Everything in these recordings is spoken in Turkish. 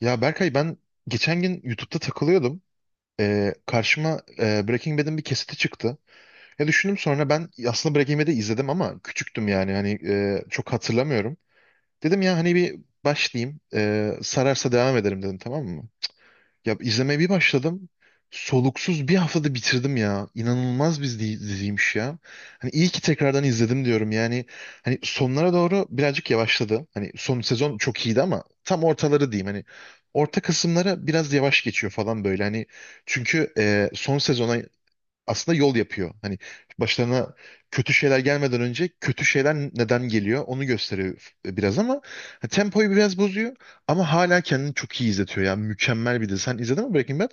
Ya Berkay ben geçen gün YouTube'da takılıyordum. Karşıma Breaking Bad'in bir kesiti çıktı. Ya düşündüm sonra ben aslında Breaking Bad'i izledim ama küçüktüm, yani hani çok hatırlamıyorum. Dedim ya hani bir başlayayım, sararsa devam ederim dedim, tamam mı? Ya izlemeye bir başladım. Soluksuz bir haftada bitirdim ya. İnanılmaz bir diziymiş ya. Hani iyi ki tekrardan izledim diyorum. Yani hani sonlara doğru birazcık yavaşladı. Hani son sezon çok iyiydi ama tam ortaları diyeyim. Hani orta kısımlara biraz yavaş geçiyor falan böyle. Hani çünkü son sezona aslında yol yapıyor. Hani başlarına kötü şeyler gelmeden önce kötü şeyler neden geliyor onu gösteriyor biraz ama ha, tempoyu biraz bozuyor ama hala kendini çok iyi izletiyor ya. Mükemmel bir dizi. Sen izledin mi Breaking Bad?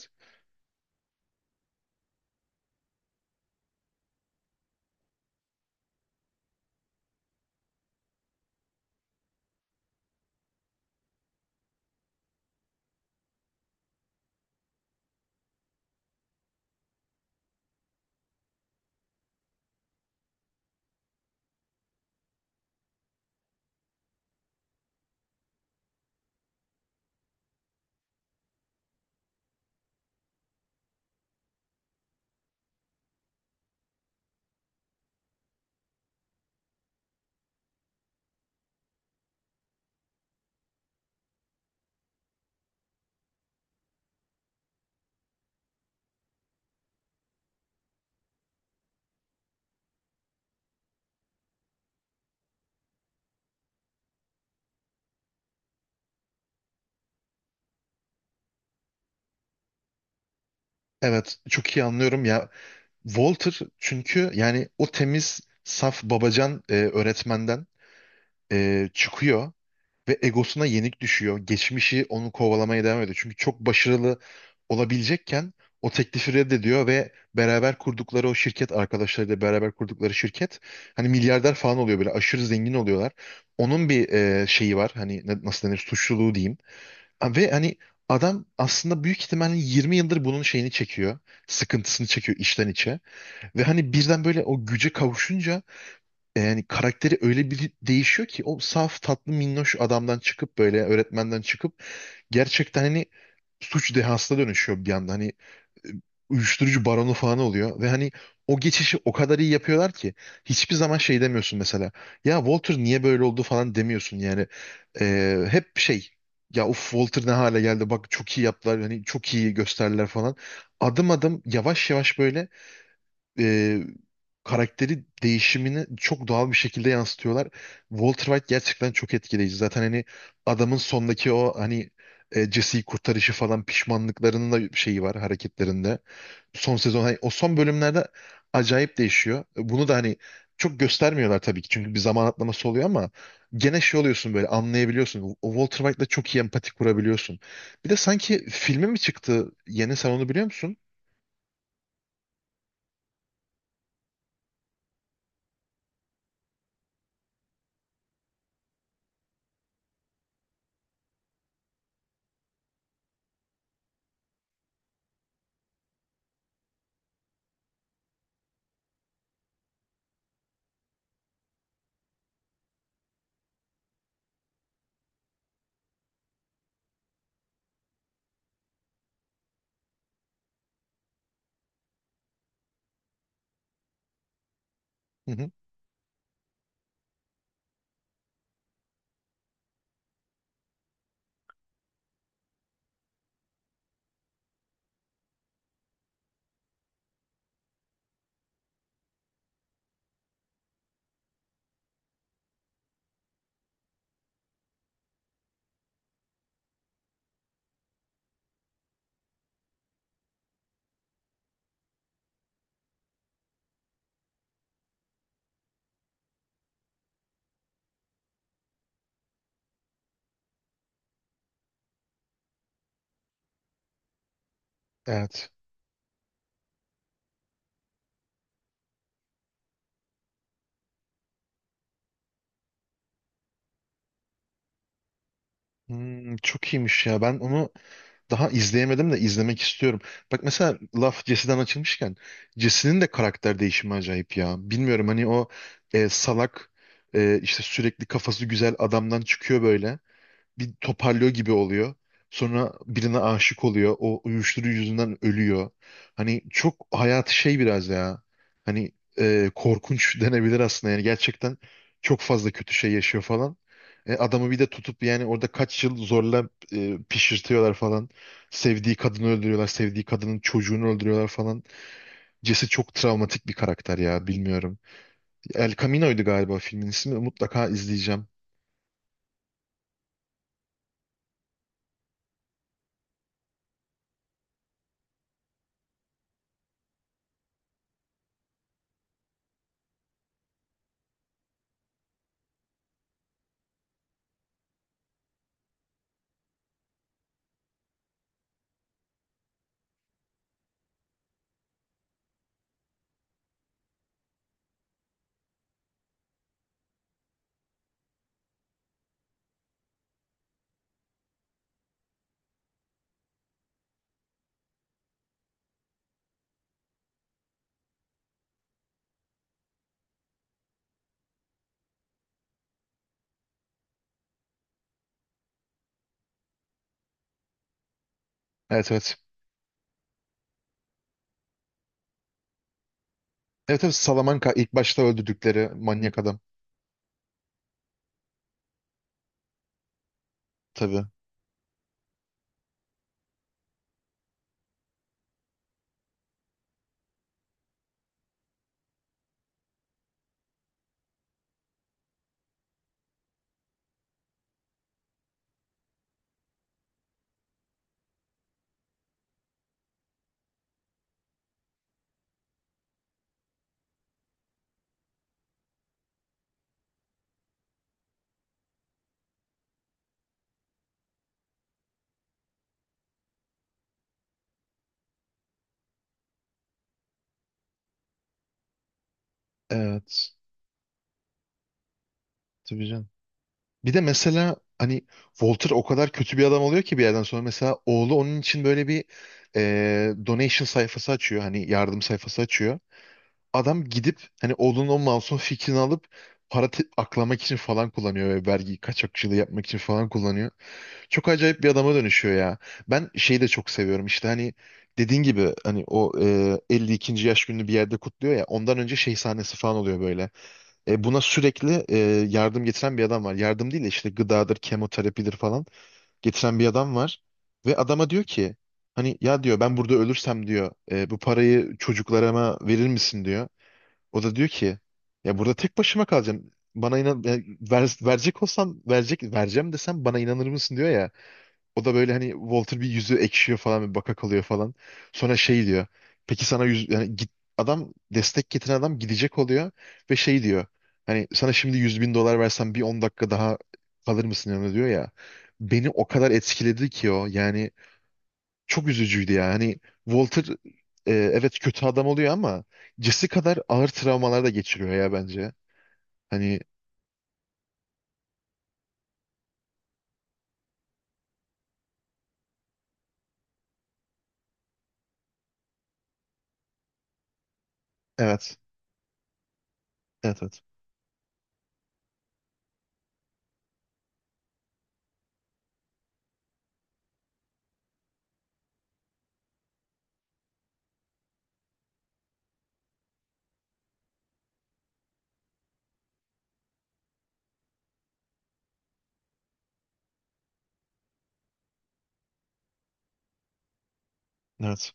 Evet, çok iyi anlıyorum ya. Walter çünkü yani o temiz, saf babacan öğretmenden çıkıyor. Ve egosuna yenik düşüyor. Geçmişi onu kovalamaya devam ediyor. Çünkü çok başarılı olabilecekken o teklifi reddediyor ve beraber kurdukları o şirket, arkadaşlarıyla beraber kurdukları şirket hani milyarder falan oluyor, böyle aşırı zengin oluyorlar. Onun bir şeyi var hani nasıl denir, suçluluğu diyeyim. Ha, ve hani adam aslında büyük ihtimalle 20 yıldır bunun şeyini çekiyor. Sıkıntısını çekiyor içten içe. Ve hani birden böyle o güce kavuşunca yani karakteri öyle bir değişiyor ki o saf tatlı minnoş adamdan çıkıp böyle öğretmenden çıkıp gerçekten hani suç dehasına dönüşüyor bir anda. Hani e, uyuşturucu baronu falan oluyor ve hani o geçişi o kadar iyi yapıyorlar ki hiçbir zaman şey demiyorsun mesela. Ya Walter niye böyle oldu falan demiyorsun yani. E, hep şey, ya uf Walter ne hale geldi bak çok iyi yaptılar hani çok iyi gösterdiler falan. Adım adım yavaş yavaş böyle e, karakteri değişimini çok doğal bir şekilde yansıtıyorlar. Walter White gerçekten çok etkileyici. Zaten hani adamın sondaki o hani Jesse'yi kurtarışı falan, pişmanlıklarının da şeyi var hareketlerinde. Son sezon hani o son bölümlerde acayip değişiyor. Bunu da hani çok göstermiyorlar tabii ki çünkü bir zaman atlaması oluyor ama gene şey oluyorsun böyle, anlayabiliyorsun. O Walter White'la çok iyi empati kurabiliyorsun. Bir de sanki filmi mi çıktı? Yeni, sen onu biliyor musun? Hı hı. Evet. Hmm, çok iyiymiş ya. Ben onu daha izleyemedim de izlemek istiyorum. Bak mesela laf Jesse'den açılmışken Jesse'nin de karakter değişimi acayip ya. Bilmiyorum hani o salak işte sürekli kafası güzel adamdan çıkıyor böyle bir toparlıyor gibi oluyor. Sonra birine aşık oluyor. O uyuşturucu yüzünden ölüyor. Hani çok hayatı şey biraz ya. Hani korkunç denebilir aslında. Yani gerçekten çok fazla kötü şey yaşıyor falan. E, adamı bir de tutup yani orada kaç yıl zorla pişirtiyorlar falan. Sevdiği kadını öldürüyorlar. Sevdiği kadının çocuğunu öldürüyorlar falan. Jesse çok travmatik bir karakter ya, bilmiyorum. El Camino'ydu galiba filmin ismi. Mutlaka izleyeceğim. Evet evet. Evet evet, Salamanca ilk başta öldürdükleri manyak adam. Tabii. Evet. Tabii canım. Bir de mesela hani Walter o kadar kötü bir adam oluyor ki bir yerden sonra mesela oğlu onun için böyle bir donation sayfası açıyor. Hani yardım sayfası açıyor. Adam gidip hani oğlunun o masum fikrini alıp aklamak için falan kullanıyor ve vergi kaçakçılığı yapmak için falan kullanıyor. Çok acayip bir adama dönüşüyor ya. Ben şeyi de çok seviyorum, işte hani dediğin gibi hani o 52. yaş gününü bir yerde kutluyor ya, ondan önce şey sahnesi falan oluyor böyle. E, buna sürekli yardım getiren bir adam var. Yardım değil de işte gıdadır, kemoterapidir falan getiren bir adam var. Ve adama diyor ki hani ya diyor ben burada ölürsem diyor bu parayı çocuklarıma verir misin diyor. O da diyor ki ya burada tek başıma kalacağım. Bana inan, verecek olsam, verecek vereceğim desem bana inanır mısın diyor ya. O da böyle hani Walter bir yüzü ekşiyor falan, bir baka kalıyor falan. Sonra şey diyor. Peki sana yüz, yani git, adam, destek getiren adam gidecek oluyor ve şey diyor. Hani sana şimdi 100.000 dolar versem bir 10 dakika daha kalır mısın yanında diyor ya. Beni o kadar etkiledi ki o, yani çok üzücüydü ya. Hani Walter evet kötü adam oluyor ama Jesse kadar ağır travmalar da geçiriyor ya bence. Hani evet, evet, evet, evet,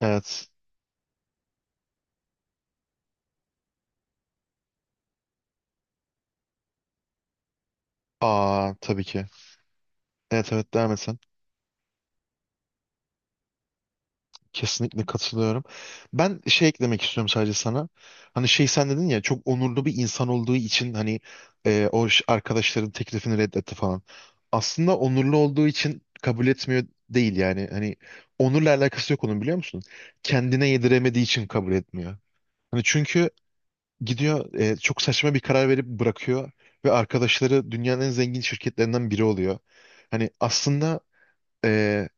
evet. Aa, tabii ki. Evet evet, devam et sen. Kesinlikle katılıyorum. Ben şey eklemek istiyorum sadece sana. Hani şey, sen dedin ya çok onurlu bir insan olduğu için hani arkadaşların teklifini reddetti falan. Aslında onurlu olduğu için kabul etmiyor değil yani. Hani onurla alakası yok onun, biliyor musun? Kendine yediremediği için kabul etmiyor. Hani çünkü gidiyor çok saçma bir karar verip bırakıyor ve arkadaşları dünyanın en zengin şirketlerinden biri oluyor. Hani aslında e,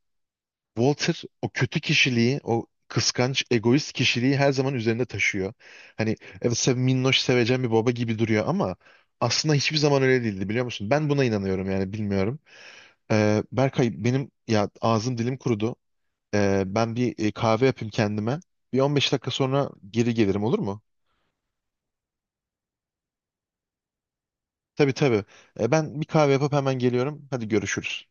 Walter o kötü kişiliği, o kıskanç, egoist kişiliği her zaman üzerinde taşıyor. Hani evet, sev, minnoş sevecen bir baba gibi duruyor ama aslında hiçbir zaman öyle değildi, biliyor musun? Ben buna inanıyorum yani, bilmiyorum. Berkay benim ya, ağzım dilim kurudu. Ben bir kahve yapayım kendime. Bir 15 dakika sonra geri gelirim, olur mu? Tabii tabii. Ben bir kahve yapıp hemen geliyorum. Hadi görüşürüz.